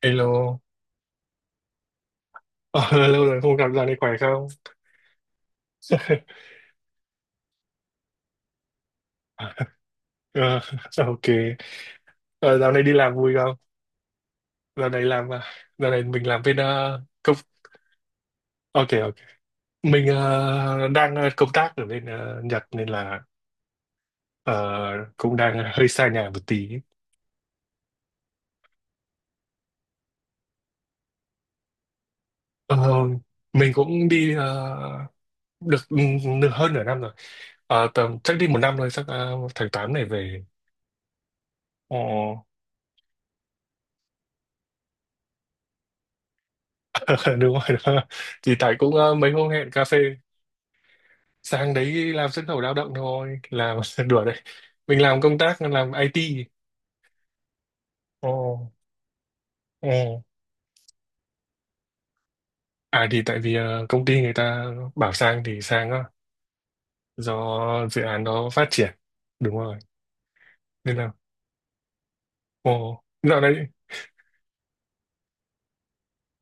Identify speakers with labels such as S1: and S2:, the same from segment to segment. S1: Hello. Ờ, Lâu rồi không gặp, dạo này khỏe không? Ờ, ok. Ờ, Dạo này đi làm vui không? Dạo này làm, dạo này mình làm bên công, ok ok, mình đang công tác ở bên Nhật nên là ờ, cũng đang hơi xa nhà một tí. Ờ, mình cũng đi được nửa, hơn nửa năm rồi. Tầm chắc đi một năm rồi, chắc tháng 8 này về. Ồ. Đúng rồi, đó. Thì tại cũng mấy hôm hẹn cà phê, sang đấy làm xuất khẩu lao động thôi làm, đùa đấy. Mình làm công tác làm IT. Ồ, ồ. Thì tại vì công ty người ta bảo sang thì sang á, do dự án nó phát triển. Đúng rồi, nên là. Dạo đấy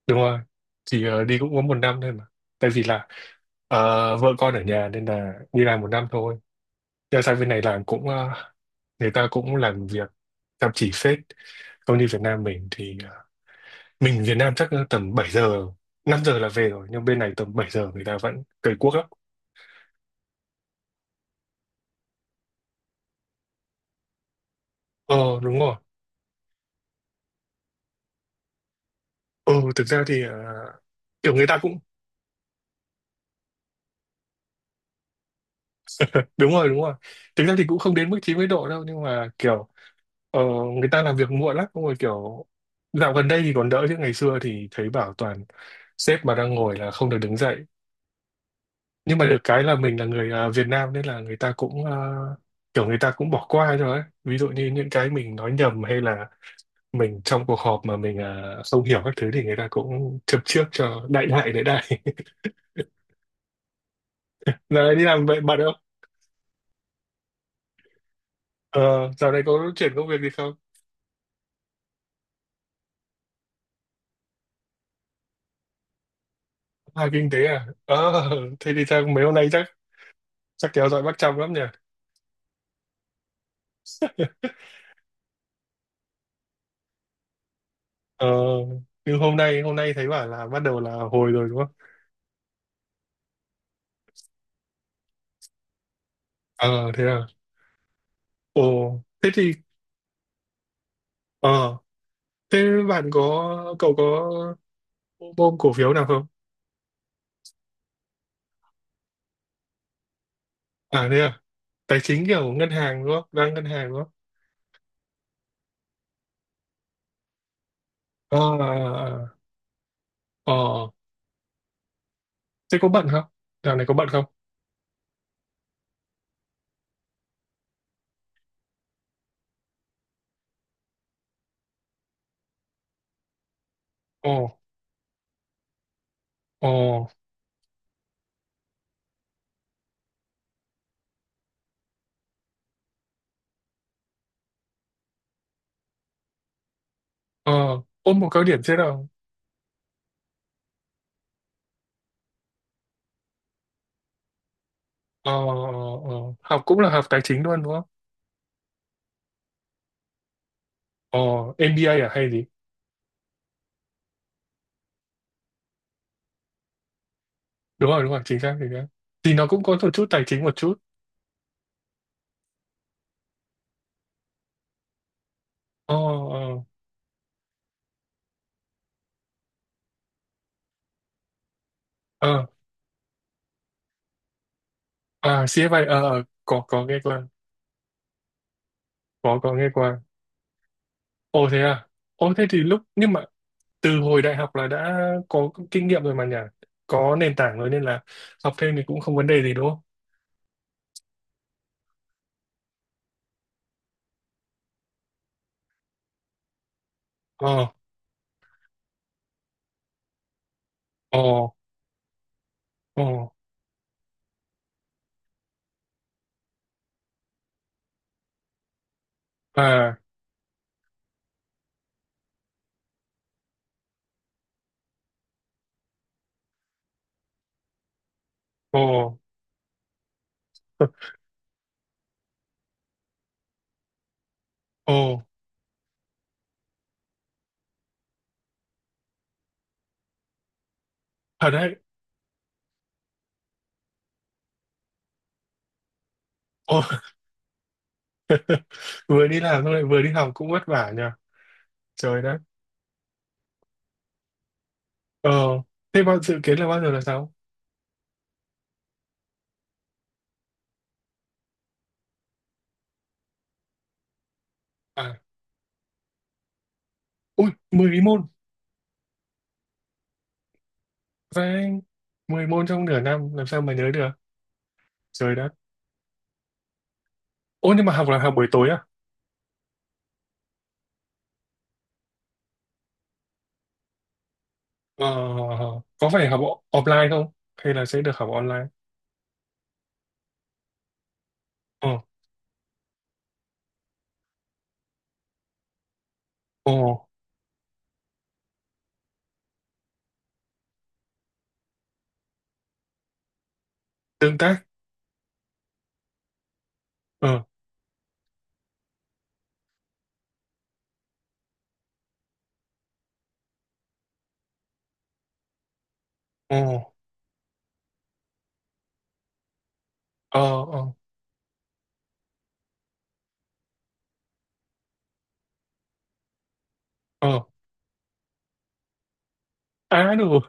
S1: đúng rồi, chỉ đi cũng có một năm thôi mà, tại vì là vợ con ở nhà nên là đi làm một năm thôi. Nhưng sang bên này làm cũng, người ta cũng làm việc chăm chỉ phết. Công ty Việt Nam mình thì, mình Việt Nam chắc tầm 7 giờ, 5 giờ là về rồi, nhưng bên này tầm 7 giờ người ta vẫn cày cuốc lắm. ờ Đúng rồi. Ừ, thực ra thì, kiểu người ta cũng. Đúng rồi, đúng rồi. Thực ra thì cũng không đến mức 90 độ đâu, nhưng mà kiểu ờ, người ta làm việc muộn lắm. Xong rồi kiểu dạo gần đây thì còn đỡ, chứ ngày xưa thì thấy bảo toàn sếp mà đang ngồi là không được đứng dậy. Nhưng mà được cái là mình là người Việt Nam nên là người ta cũng, kiểu người ta cũng bỏ qua rồi ấy. Ví dụ như những cái mình nói nhầm, hay là mình trong cuộc họp mà mình không hiểu các thứ thì người ta cũng châm trước cho đại đại đại đại Giờ này đi làm vậy bạn không? ờ, Dạo này có chuyển công việc gì không? Kinh tế à? Ờ, Thế thì chắc mấy hôm nay chắc, kéo dõi bắt chăm lắm nhỉ. ờ, nhưng hôm nay, thấy bảo là bắt đầu là hồi rồi đúng không? Ờ Thế à. ồ Thế thì. ờ Thế bạn có cậu có ôm cổ phiếu nào không? Thế à? Tài chính kiểu ngân hàng đúng không, đang ngân hàng đúng không? ờ ờ ờ. Ờ, Thế có bận không? Dạo này có bận không? Ồ, ồ, ờ, Ôm một cao điểm thế nào? Ờ, ờ, Học cũng là học tài chính luôn đúng không? Ờ, MBA à hay gì? Đúng rồi, chính xác, chính xác. Thì nó cũng có một chút tài chính một chút. Ờ, ờ, ờ, CFA, có nghe qua, có nghe qua. Ồ thế à? Thế thì lúc, nhưng mà từ hồi đại học là đã có kinh nghiệm rồi mà nhỉ? Có nền tảng rồi nên là học thêm thì cũng không vấn đề gì đúng không? Ờ, ờ, ờ, à, ờ. Ồ, thật đấy. Ồ. Vừa đi làm xong lại vừa đi học cũng vất vả nhờ. Trời đất. Ờ, Thế bao dự kiến là bao giờ là sao? À, Mười môn. Và 10 môn trong nửa năm làm sao mà nhớ được? Trời đất. Ồ, nhưng mà học là học buổi tối à? Ờ, có phải học offline không? Hay là sẽ được học online? Ờ, ồ, Tương tác. Ờ, ồ, ờ, ờ, ờ. À, đúng rồi.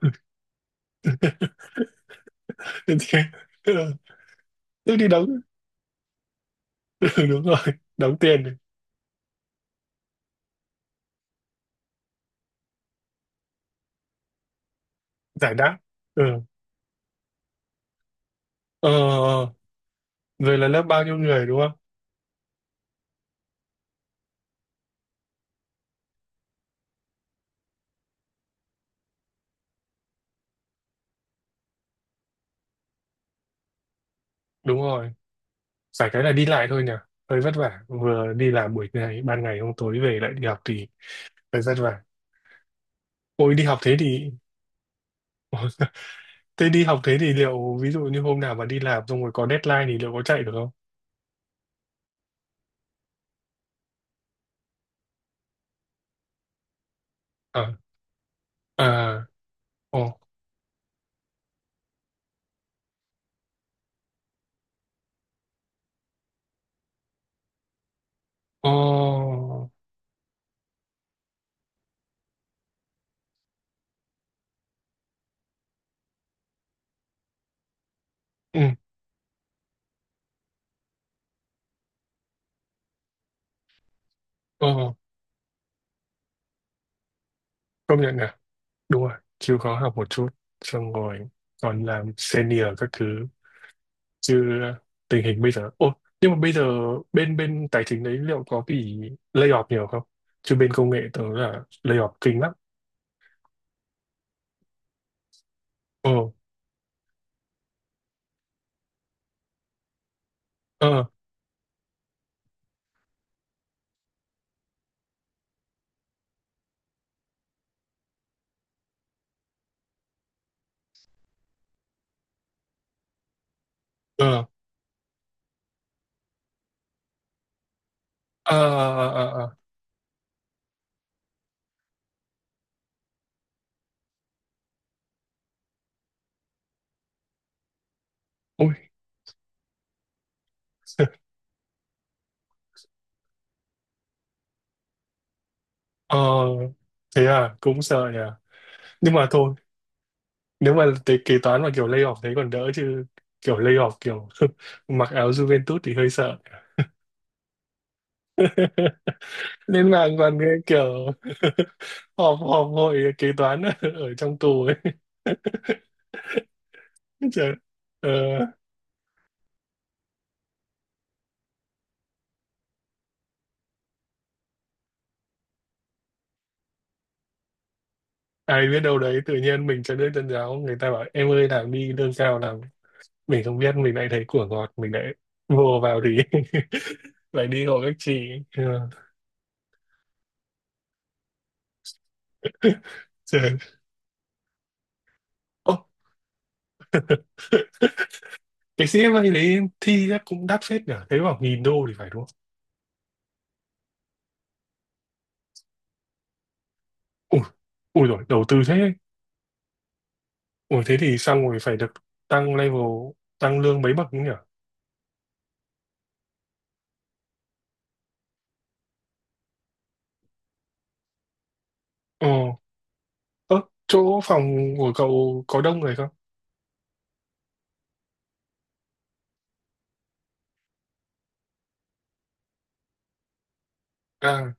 S1: Tức đi đóng, ừ, đúng rồi. Đóng tiền, để giải đáp. Ừ. Ờ ờ, ờ. Rồi là lớp bao nhiêu người đúng không? Đúng rồi. Phải cái là đi lại thôi nhỉ. Hơi vất vả. Vừa đi làm buổi ngày, ban ngày hôm tối về lại đi học thì hơi vất vả. Ôi đi học thế thì. Ôi. Thế đi học thế thì liệu ví dụ như hôm nào mà đi làm xong rồi có deadline thì liệu có chạy được không? À, à, ồ, ồ, ừ, ồ, công nhận nè. Đúng rồi. Chịu khó học một chút. Xong rồi còn làm senior các thứ, chứ tình hình bây giờ nhưng mà bây giờ bên bên tài chính đấy liệu có bị lay off nhiều không? Chứ bên công nghệ tớ là lay off kinh lắm. ờ ờ ờ ờ ờ ờ ờ. Ôi. ờ Thế à, cũng sợ nhỉ. Nhưng mà thôi, nếu mà cái kế toán mà kiểu lay off thế còn đỡ, chứ kiểu lay off kiểu mặc áo Juventus thì hơi sợ. Lên mạng còn cái kiểu họp họp hội kế toán ở trong tù ấy. Trời. ờ Ai biết đâu đấy tự nhiên mình cho nước chân giáo, người ta bảo em ơi làm đi lương cao làm, mình không biết mình lại thấy của ngọt mình lại vô vào thì lại đi hộ các chị. Ừ. Trời. ô cái CFA đấy thi chắc cũng đắt phết nhỉ, thấy bảo nghìn đô thì phải, đúng không? Ui Ui rồi đầu tư thế. Thế thì xong rồi phải được tăng level, tăng lương mấy bậc nữa nhỉ. Ờ ơ Chỗ phòng của cậu có đông người không? à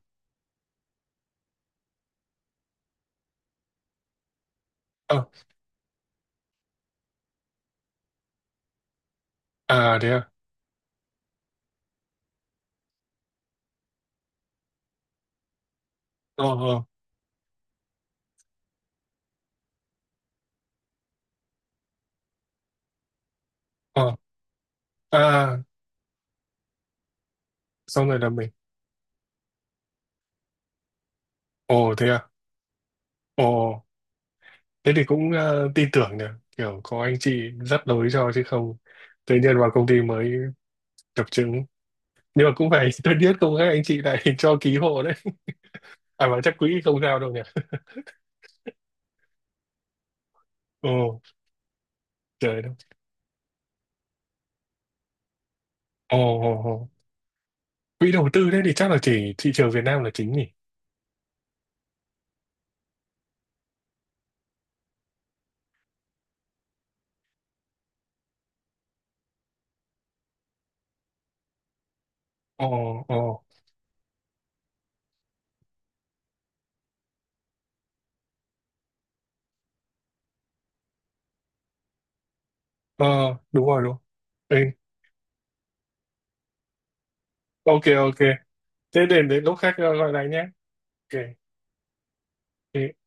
S1: ờ Thế à? ờ ờ ờ à Xong rồi là mình. Ồ thế à? Ồ, thế thì cũng tin tưởng nhỉ, kiểu có anh chị dắt lối cho chứ không tự nhiên vào công ty mới chập chững. Nhưng mà cũng phải tôi biết không các anh chị lại cho ký hộ đấy. À mà chắc quỹ không sao đâu nhỉ. Ồ, trời đất. Ồ, ồ, ồ. Quỹ đầu tư đấy thì chắc là chỉ thị trường Việt Nam là chính nhỉ. Ồ, ồ, ờ, đúng rồi đúng. Ừ, ok ok. Thế đến, lúc khác gọi lại nhé. Ok.